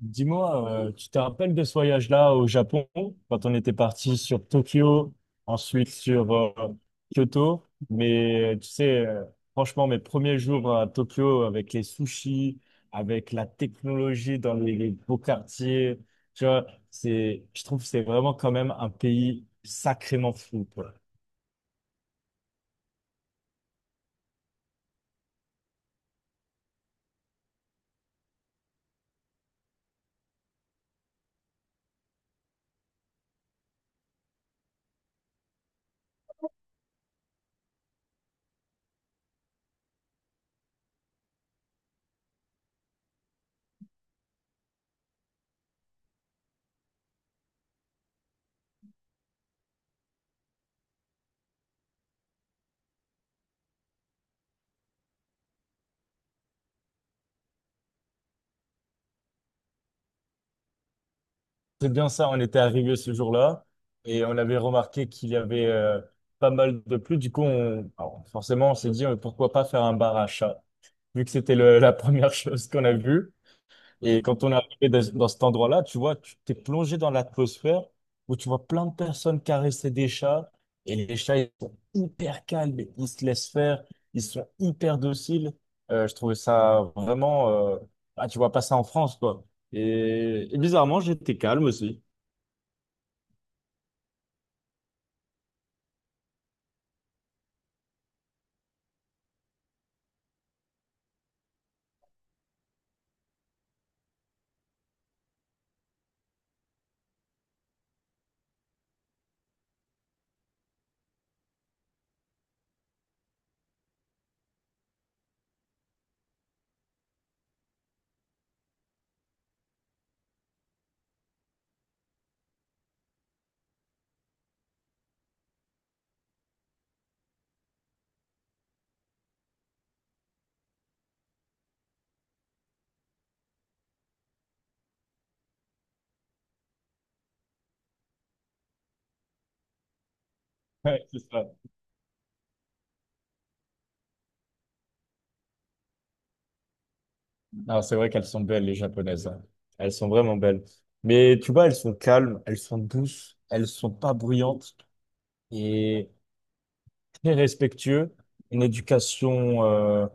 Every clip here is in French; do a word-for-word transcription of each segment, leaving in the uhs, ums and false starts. Dis-moi, euh, tu te rappelles de ce voyage-là au Japon, quand on était parti sur Tokyo, ensuite sur euh, Kyoto, mais euh, tu sais, euh, franchement, mes premiers jours à Tokyo avec les sushis, avec la technologie dans les, les beaux quartiers, tu vois, c'est, je trouve que c'est vraiment quand même un pays sacrément fou, quoi. C'est bien ça, on était arrivé ce jour-là et on avait remarqué qu'il y avait euh, pas mal de pluie. Du coup, on- alors, forcément, on s'est dit euh, pourquoi pas faire un bar à chat, vu que c'était le- la première chose qu'on a vue. Et quand on est arrivé dans dans cet endroit-là, tu vois, tu t'es plongé dans l'atmosphère où tu vois plein de personnes caresser des chats. Et les chats, ils sont hyper calmes, ils se laissent faire, ils sont hyper dociles. Euh, je trouvais ça vraiment... euh, Ah, tu vois pas ça en France, quoi. Et, et bizarrement, j'étais calme aussi. Ouais, c'est ça. Non, c'est vrai qu'elles sont belles, les japonaises, hein. Elles sont vraiment belles. Mais tu vois, elles sont calmes, elles sont douces, elles sont pas bruyantes et très respectueuses. Une éducation euh,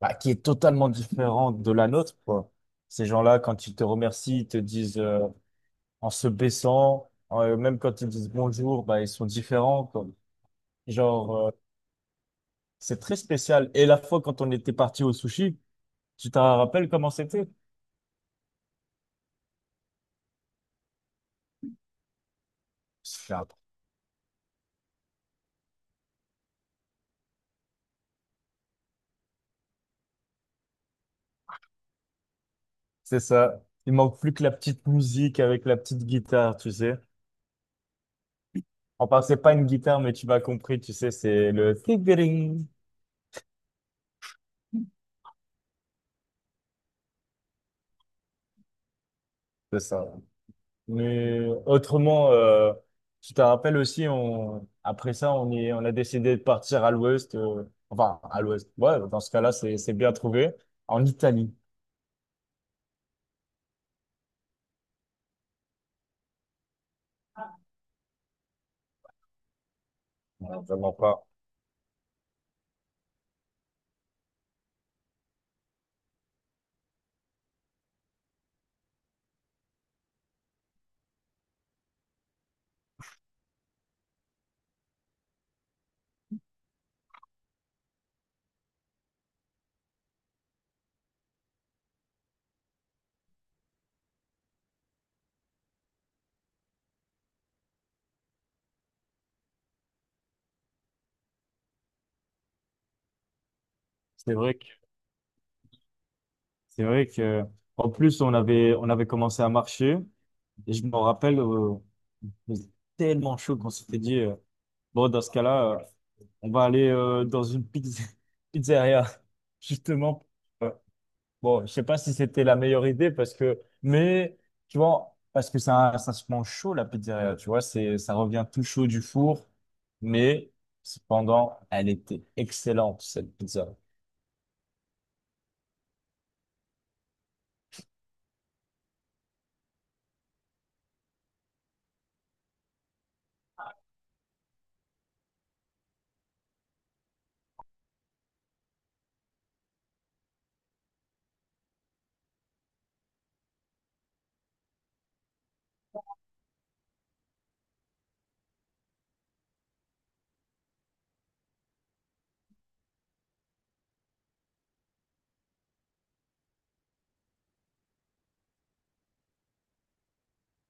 bah, qui est totalement différente de la nôtre, quoi. Ces gens-là, quand ils te remercient, ils te disent euh, en se baissant, euh, même quand ils disent bonjour, bah, ils sont différents, quoi. Genre, euh, c'est très spécial. Et la fois quand on était parti au sushi, tu te rappelles comment c'était? C'est ça. Il manque plus que la petite musique avec la petite guitare, tu sais. Enfin, c'est pas une guitare, mais tu m'as compris, tu sais, c'est le tigring. C'est ça. Mais autrement, euh, tu te rappelles aussi, on, après ça, on est, on a décidé de partir à l'ouest, euh, enfin, à l'ouest. Ouais, dans ce cas-là, c'est, c'est bien trouvé. En Italie. Ouais, vraiment pas. C'est vrai que, c'est vrai que, en plus, on avait, on avait commencé à marcher. Et je me rappelle, euh, il faisait tellement chaud qu'on s'était dit, euh, bon, dans ce cas-là, euh, on va aller euh, dans une pizz- pizzeria, justement. Euh, bon, je sais pas si c'était la meilleure idée parce que, mais tu vois, parce que ça, ça se mange chaud la pizzeria, tu vois, c'est, ça revient tout chaud du four, mais cependant, elle était excellente cette pizza.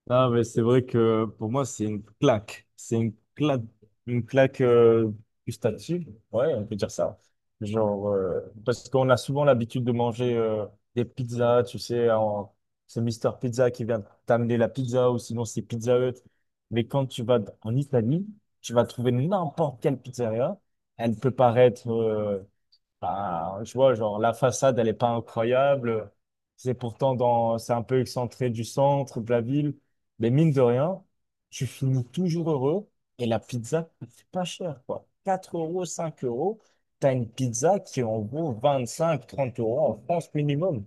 Non, mais c'est vrai que pour moi, c'est une claque. C'est une claque, une claque euh, gustative. Ouais, on peut dire ça. Genre, euh, parce qu'on a souvent l'habitude de manger euh, des pizzas, tu sais, en- c'est Mister Pizza qui vient t'amener la pizza ou sinon c'est Pizza Hut. Mais quand tu vas en Italie, tu vas trouver n'importe quelle pizzeria. Elle peut paraître euh, enfin, je vois, genre, la façade, elle est pas incroyable. C'est pourtant dans, c'est un peu excentré du centre, de la ville. Mais mine de rien, tu finis toujours heureux. Et la pizza, c'est pas cher, quoi. Quatre euros, cinq euros. T'as une pizza qui en vaut vingt cinq trente euros en France minimum.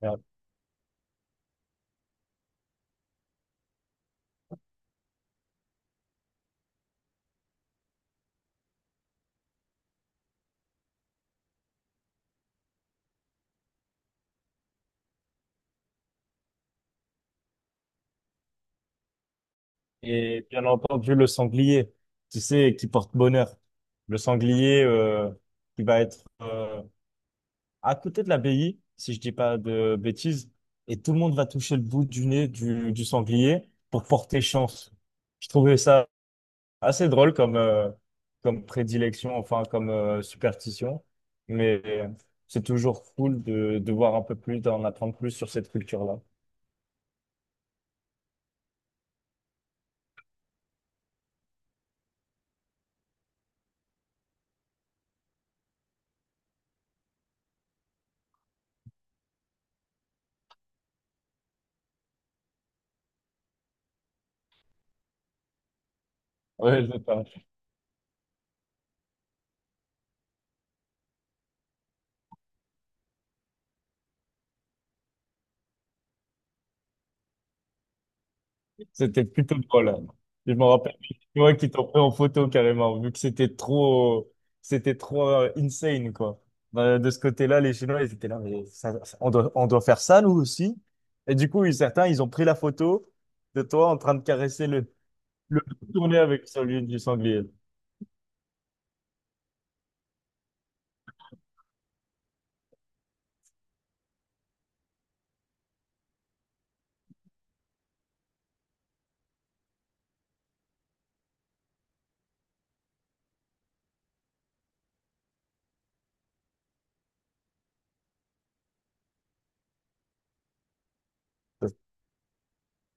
Voilà. Et bien entendu, le sanglier, tu sais, qui porte bonheur. Le sanglier, euh, qui va être, euh, à côté de l'abbaye, si je dis pas de bêtises, et tout le monde va toucher le bout du nez du, du sanglier pour porter chance. Je trouvais ça assez drôle comme, euh, comme prédilection, enfin comme euh, superstition, mais c'est toujours cool de, de voir un peu plus, d'en apprendre plus sur cette culture-là. Ouais, je sais pas. C'était plutôt drôle, hein. Je me rappelle des Chinois qui t'ont pris en photo carrément, vu que c'était trop, c'était trop euh, insane, quoi. Euh, de ce côté-là, les Chinois, ils étaient là, mais ça- ça- on doit, on doit faire ça, nous aussi. Et du coup, ils- certains, ils ont pris la photo de toi en train de caresser le, le tourner avec celui du sanglier.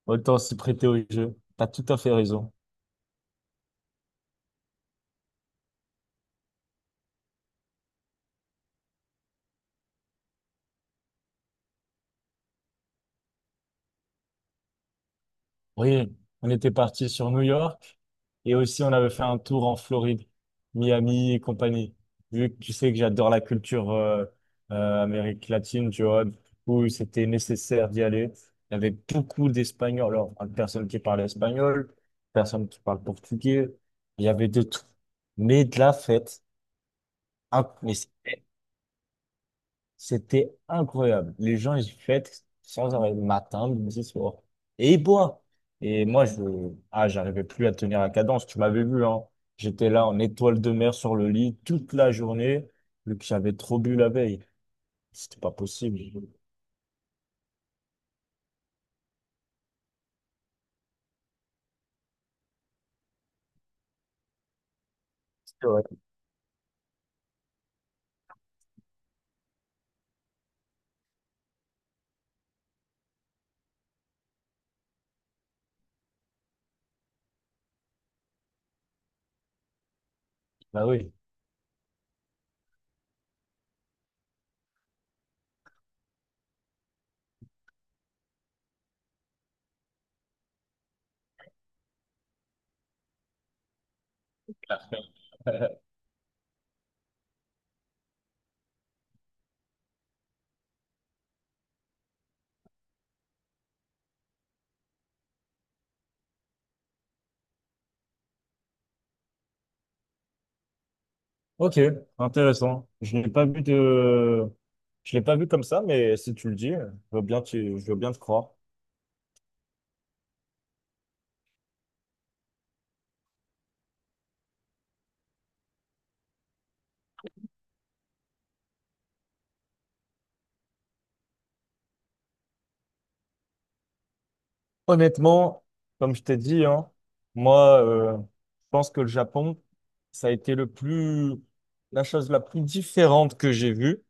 Autant s'y prêter au jeu. T'as tout à fait raison. Oui, on était parti sur New York et aussi on avait fait un tour en Floride, Miami et compagnie. Vu que tu sais que j'adore la culture euh, euh, Amérique latine, tu vois, du coup c'était nécessaire d'y aller. Il y avait beaucoup d'Espagnols, alors hein, personne qui parlait espagnol, personne qui parle portugais, il y avait de tout. Mais de la fête, imp- mais. C'était incroyable. Les gens, ils fêtent sans arrêt, matin, midi, soir. Et ils boivent. Et moi, je, ah, j'arrivais plus à tenir la cadence. Tu m'avais vu, hein. J'étais là en étoile de mer sur le lit toute la journée, vu que j'avais trop bu la veille. C'était pas possible. C'est vrai. Bah oui. Ok, intéressant. Je l'ai pas vu de, je l'ai pas vu comme ça, mais si tu le dis, je veux bien, te- je veux bien te croire. Honnêtement, comme je t'ai dit, hein, moi, euh, je pense que le Japon, ça a été le plus, la chose la plus différente que j'ai vue,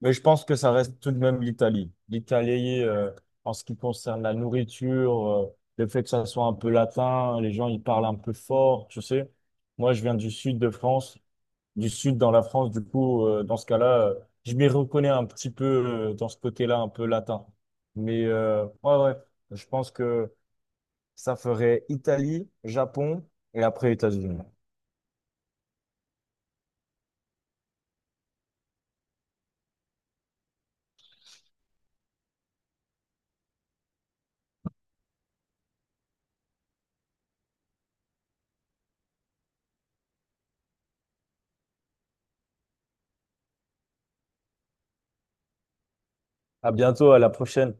mais je pense que ça reste tout de même l'Italie. L'Italie, euh, en ce qui concerne la nourriture, euh, le fait que ça soit un peu latin, les gens, ils parlent un peu fort, tu sais. Moi, je viens du sud de France, du sud dans la France, du coup, euh, dans ce cas-là, euh, je m'y reconnais un petit peu, euh, dans ce côté-là, un peu latin. Mais, euh, ouais, ouais, je pense que ça ferait Italie, Japon et après États-Unis. À bientôt, à la prochaine.